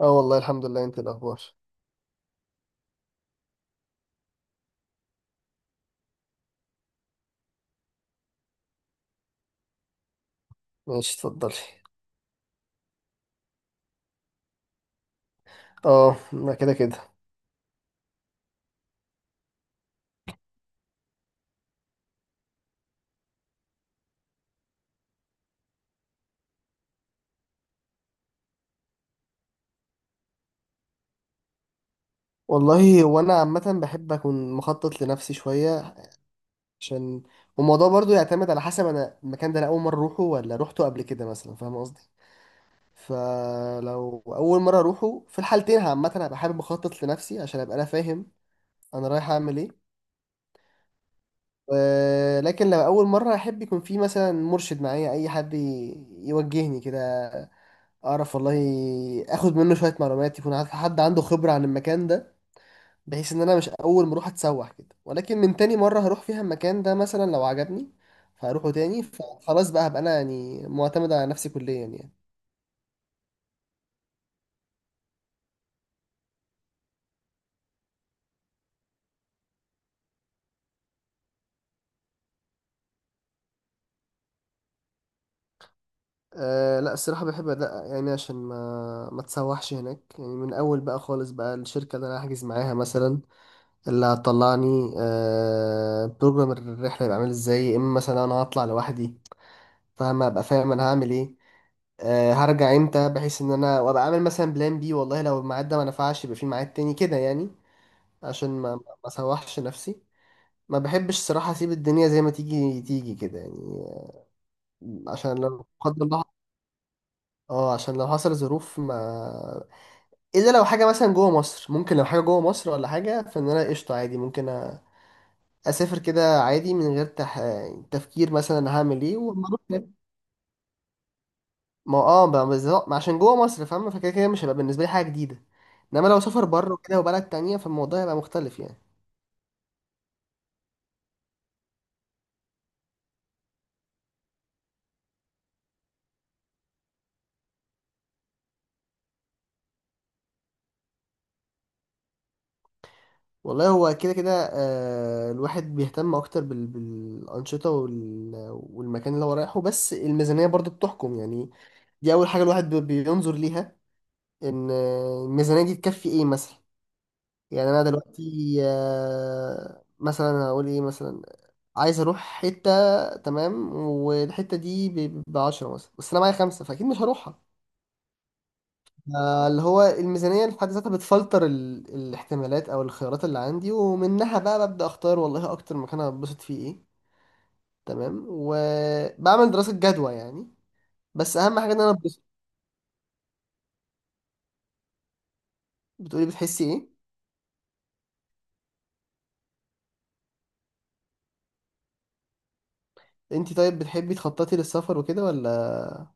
اه والله الحمد لله، انت الاخبار؟ ماشي، اتفضلي. اه ما كده كده. والله، وانا عامه بحب اكون مخطط لنفسي شويه عشان الموضوع برضو يعتمد على حسب، انا المكان ده انا اول مره اروحه ولا روحته قبل كده مثلا، فاهم قصدي؟ فلو اول مره اروحه، في الحالتين عامه هبقى حابب اخطط لنفسي عشان ابقى انا فاهم انا رايح اعمل ايه. لكن لو اول مره احب يكون في مثلا مرشد معايا، اي حد يوجهني كده، اعرف والله اخد منه شويه معلومات، يكون عارف حد عنده خبره عن المكان ده، بحيث ان انا مش اول ما اروح اتسوح كده، ولكن من تاني مره هروح فيها المكان ده مثلا لو عجبني فهروحه تاني، فخلاص بقى هبقى انا يعني معتمد على نفسي كليا يعني. أه لا، الصراحه بحب ادقق يعني عشان ما اتسوحش هناك يعني من اول بقى خالص. بقى الشركه اللي انا هحجز معاها مثلا، اللي هتطلعني أه بروجرام الرحله، يبقى عامل ازاي، يا اما مثلا انا هطلع لوحدي فاهم، ابقى فاهم انا هعمل ايه، هرجع امتى، بحيث ان انا وابقى عامل مثلا بلان بي، والله لو الميعاد ده ما نفعش يبقى في ميعاد تاني كده يعني، عشان ما اسوحش نفسي. ما بحبش صراحة اسيب الدنيا زي ما تيجي تيجي كده يعني، عشان لو لا قدر الله. اه، عشان لو حصل ظروف ما، الا لو حاجة مثلا جوه مصر، ممكن لو حاجة جوه مصر ولا حاجة، فان انا قشطة عادي، ممكن أ- اسافر كده عادي من غير تفكير مثلا انا هعمل ايه وما. ما اه بقى بالظبط، ما عشان جوه مصر، فاهم؟ فكده كده مش هيبقى بالنسبه لي حاجه جديده، انما لو سافر بره كده وبلد تانية، فالموضوع هيبقى مختلف يعني. والله هو كده كده، آه، الواحد بيهتم اكتر بالانشطه والمكان اللي هو رايحه، بس الميزانيه برضو بتحكم يعني. دي اول حاجه الواحد بينظر ليها، ان الميزانيه دي تكفي ايه مثلا. يعني انا دلوقتي مثلا هقول ايه، مثلا عايز اروح حته تمام، والحته دي ب 10 مثلا، بس انا معايا خمسه، فاكيد مش هروحها. اللي هو الميزانية اللي في حد ذاتها بتفلتر الاحتمالات أو الخيارات اللي عندي، ومنها بقى ببدأ أختار، والله أكتر مكان هتبسط فيه إيه. تمام، وبعمل دراسة جدوى يعني، بس أهم حاجة إن أنا أتبسط. بتقولي بتحسي إيه؟ أنت طيب بتحبي تخططي للسفر وكده ولا؟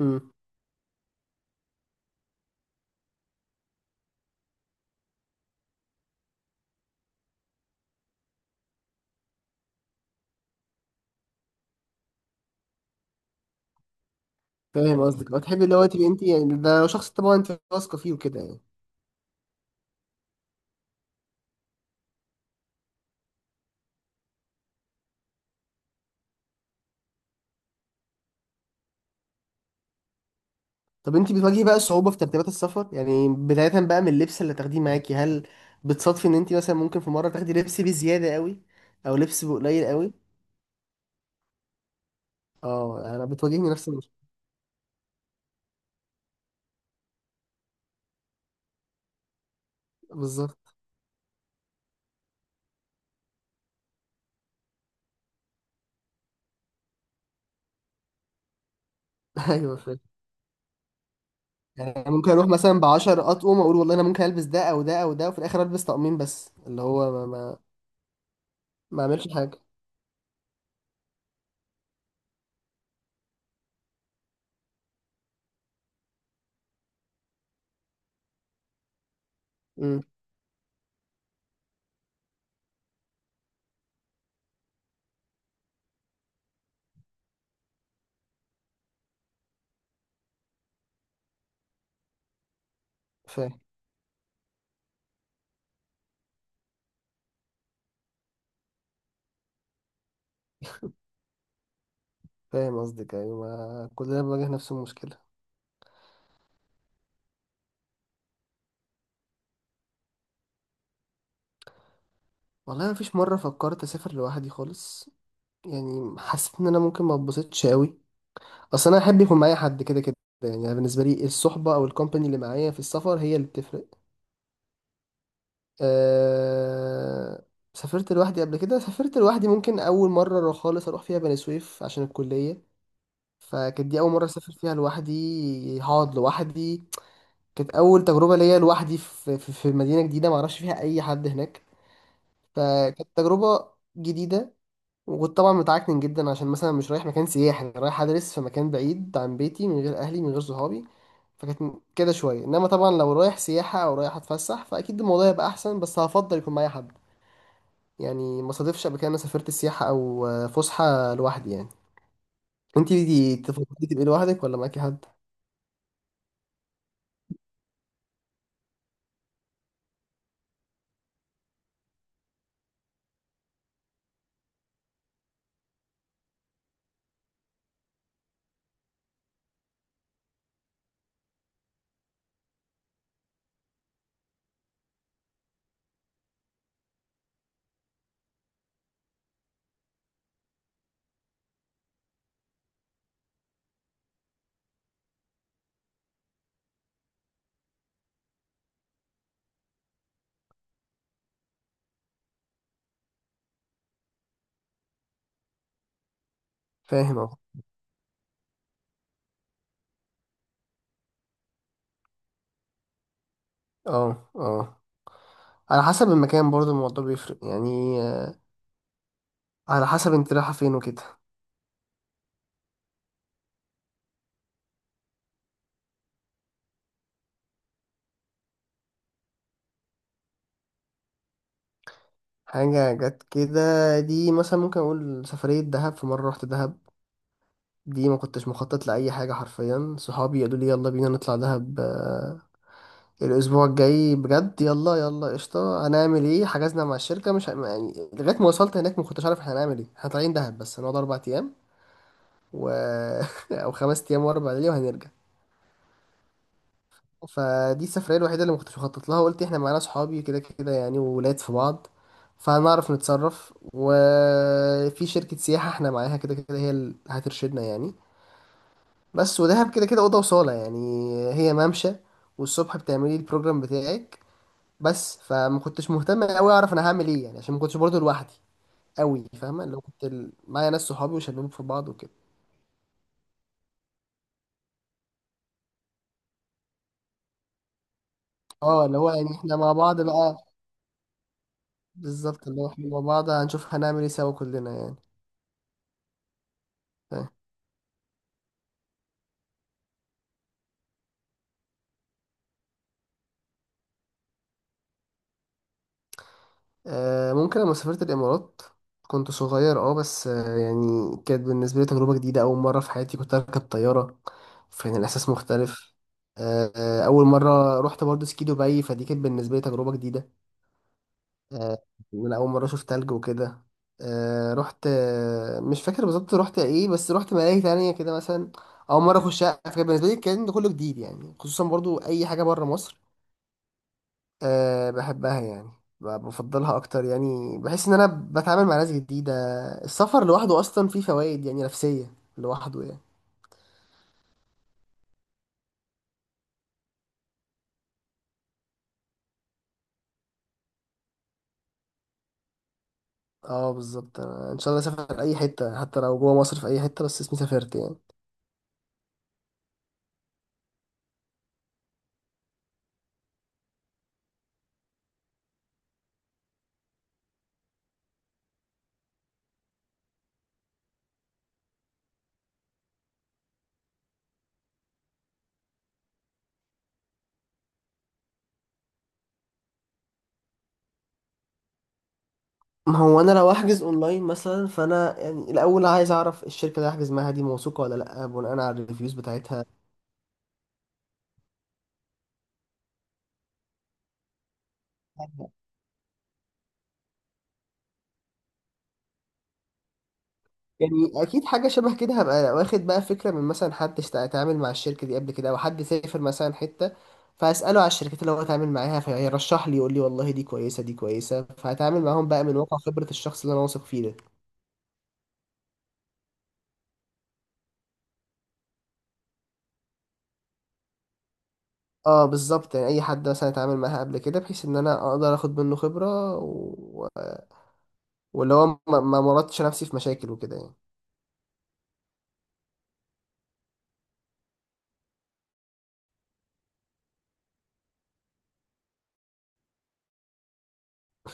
امم فاهم قصدك، أه تحبي اللي هو تبقي أنت يعني، ده لو شخص طبعا أنت واثقة فيه وكده يعني. طب انت بتواجهي بقى صعوبة في ترتيبات السفر، يعني بداية بقى من اللبس اللي تاخديه معاكي، هل بتصادفي ان انت مثلا ممكن في مرة تاخدي لبس بزيادة قوي او لبس بقليل قوي؟ اه انا بتواجهني نفس المشكلة بالظبط. ايوه فاهم، يعني أنا ممكن اروح مثلا ب 10 اطقم، اقول والله انا ممكن البس ده او ده او ده، وفي الاخر البس طقمين بس، اللي هو ما اعملش حاجة. امم فاهم فاهم قصدك، ايوه، ما كلنا بنواجه نفس المشكلة. والله ما فيش مرة فكرت اسافر لوحدي خالص، يعني حسيت ان انا ممكن ما اتبسطش قوي، اصل انا احب يكون معايا حد كده كده يعني. أنا بالنسبه لي الصحبه او الكومباني اللي معايا في السفر هي اللي بتفرق. أه... سافرت لوحدي قبل كده، سافرت لوحدي ممكن اول مره خالص اروح فيها بني سويف عشان الكليه، فكانت دي اول مره اسافر فيها لوحدي، هقعد لوحدي. كانت اول تجربه ليا لوحدي في في مدينه جديده ما اعرفش فيها اي حد هناك، فكانت تجربه جديده. وكنت طبعا متعكن جدا عشان مثلا مش رايح مكان سياحي، أنا رايح ادرس في مكان بعيد عن بيتي، من غير اهلي، من غير صحابي، فكانت كده شويه. انما طبعا لو رايح سياحه او رايح اتفسح فاكيد الموضوع يبقى احسن، بس هفضل يكون معايا حد يعني. ما صادفش قبل كده انا سافرت السياحه او فسحه لوحدي يعني. انتي دي تفضلي تبقي لوحدك ولا معاكي حد؟ فاهم اهو. اه اه، على حسب المكان برضه الموضوع بيفرق يعني، على حسب انت رايحه فين وكده. حاجه جت كده، دي مثلا ممكن اقول سفريه دهب، في مره رحت دهب، دي ما كنتش مخطط لأي حاجة حرفيا. صحابي قالوا لي يلا بينا نطلع دهب الأسبوع الجاي بجد، يلا يلا، قشطة، هنعمل ايه. حجزنا مع الشركة، مش ه- يعني لغاية ما وصلت هناك ما كنتش عارف احنا هنعمل ايه، احنا طالعين دهب بس، هنقعد أربع أيام و... أو خمس أيام وأربع ليالي، وهنرجع. فدي السفرية الوحيدة اللي ما كنتش مخطط لها، قلت احنا معانا صحابي كده كده يعني، وولاد في بعض، فهنعرف نتصرف، وفي شركة سياحة احنا معاها كده كده، هي اللي هترشدنا يعني. بس ودهب كده كده اوضه وصاله يعني، هي ممشى، والصبح بتعملي البروجرام بتاعك بس، فما كنتش مهتم قوي اعرف انا هعمل ايه يعني، عشان ما كنتش برضه لوحدي قوي، فاهمه؟ لو كنت معايا ناس، صحابي وشلهم في بعض وكده. اه اللي هو يعني احنا مع بعض بقى، بالظبط، اللي هو احنا مع بعض هنشوف هنعمل ايه سوا كلنا يعني. ممكن لما سافرت الإمارات، كنت صغير اه بس، يعني كانت بالنسبة لي تجربة جديدة، أول مرة في حياتي كنت أركب طيارة، فكان الإحساس مختلف. أول مرة رحت برضه سكي دبي، فدي كانت بالنسبة لي تجربة جديدة، آه، من أول مرة أشوف تلج وكده. رحت مش فاكر بالظبط رحت إيه، بس رحت ملاهي تانية كده مثلا، أول مرة أخشها، فكان بالنسبة لي الكلام ده كله جديد يعني، خصوصا برضه أي حاجة بره مصر أه بحبها يعني، بفضلها اكتر يعني، بحس ان انا بتعامل مع ناس جديده. السفر لوحده اصلا فيه فوائد يعني نفسيه لوحده يعني. اه بالظبط، أنا ان شاء الله اسافر اي حته، حتى لو جوه مصر في اي حته، بس اسمي سافرت يعني. ما هو انا لو احجز اونلاين مثلا، فانا يعني الاول عايز اعرف الشركه اللي هحجز معاها دي موثوقه ولا لا، بناء على الريفيوز بتاعتها. يعني اكيد حاجه شبه كده، هبقى واخد بقى فكره من مثلا حد اتعامل مع الشركه دي قبل كده، او حد سافر مثلا حته، فاساله على الشركات اللي هو اتعامل معاها، فيرشح لي يقول لي والله دي كويسه دي كويسه، فهتعامل معاهم بقى من واقع خبره الشخص اللي انا واثق فيه ده. اه بالظبط، يعني اي حد مثلا اتعامل معاها قبل كده، بحيث ان انا اقدر اخد منه خبره واللي هو ما مرضتش نفسي في مشاكل وكده يعني.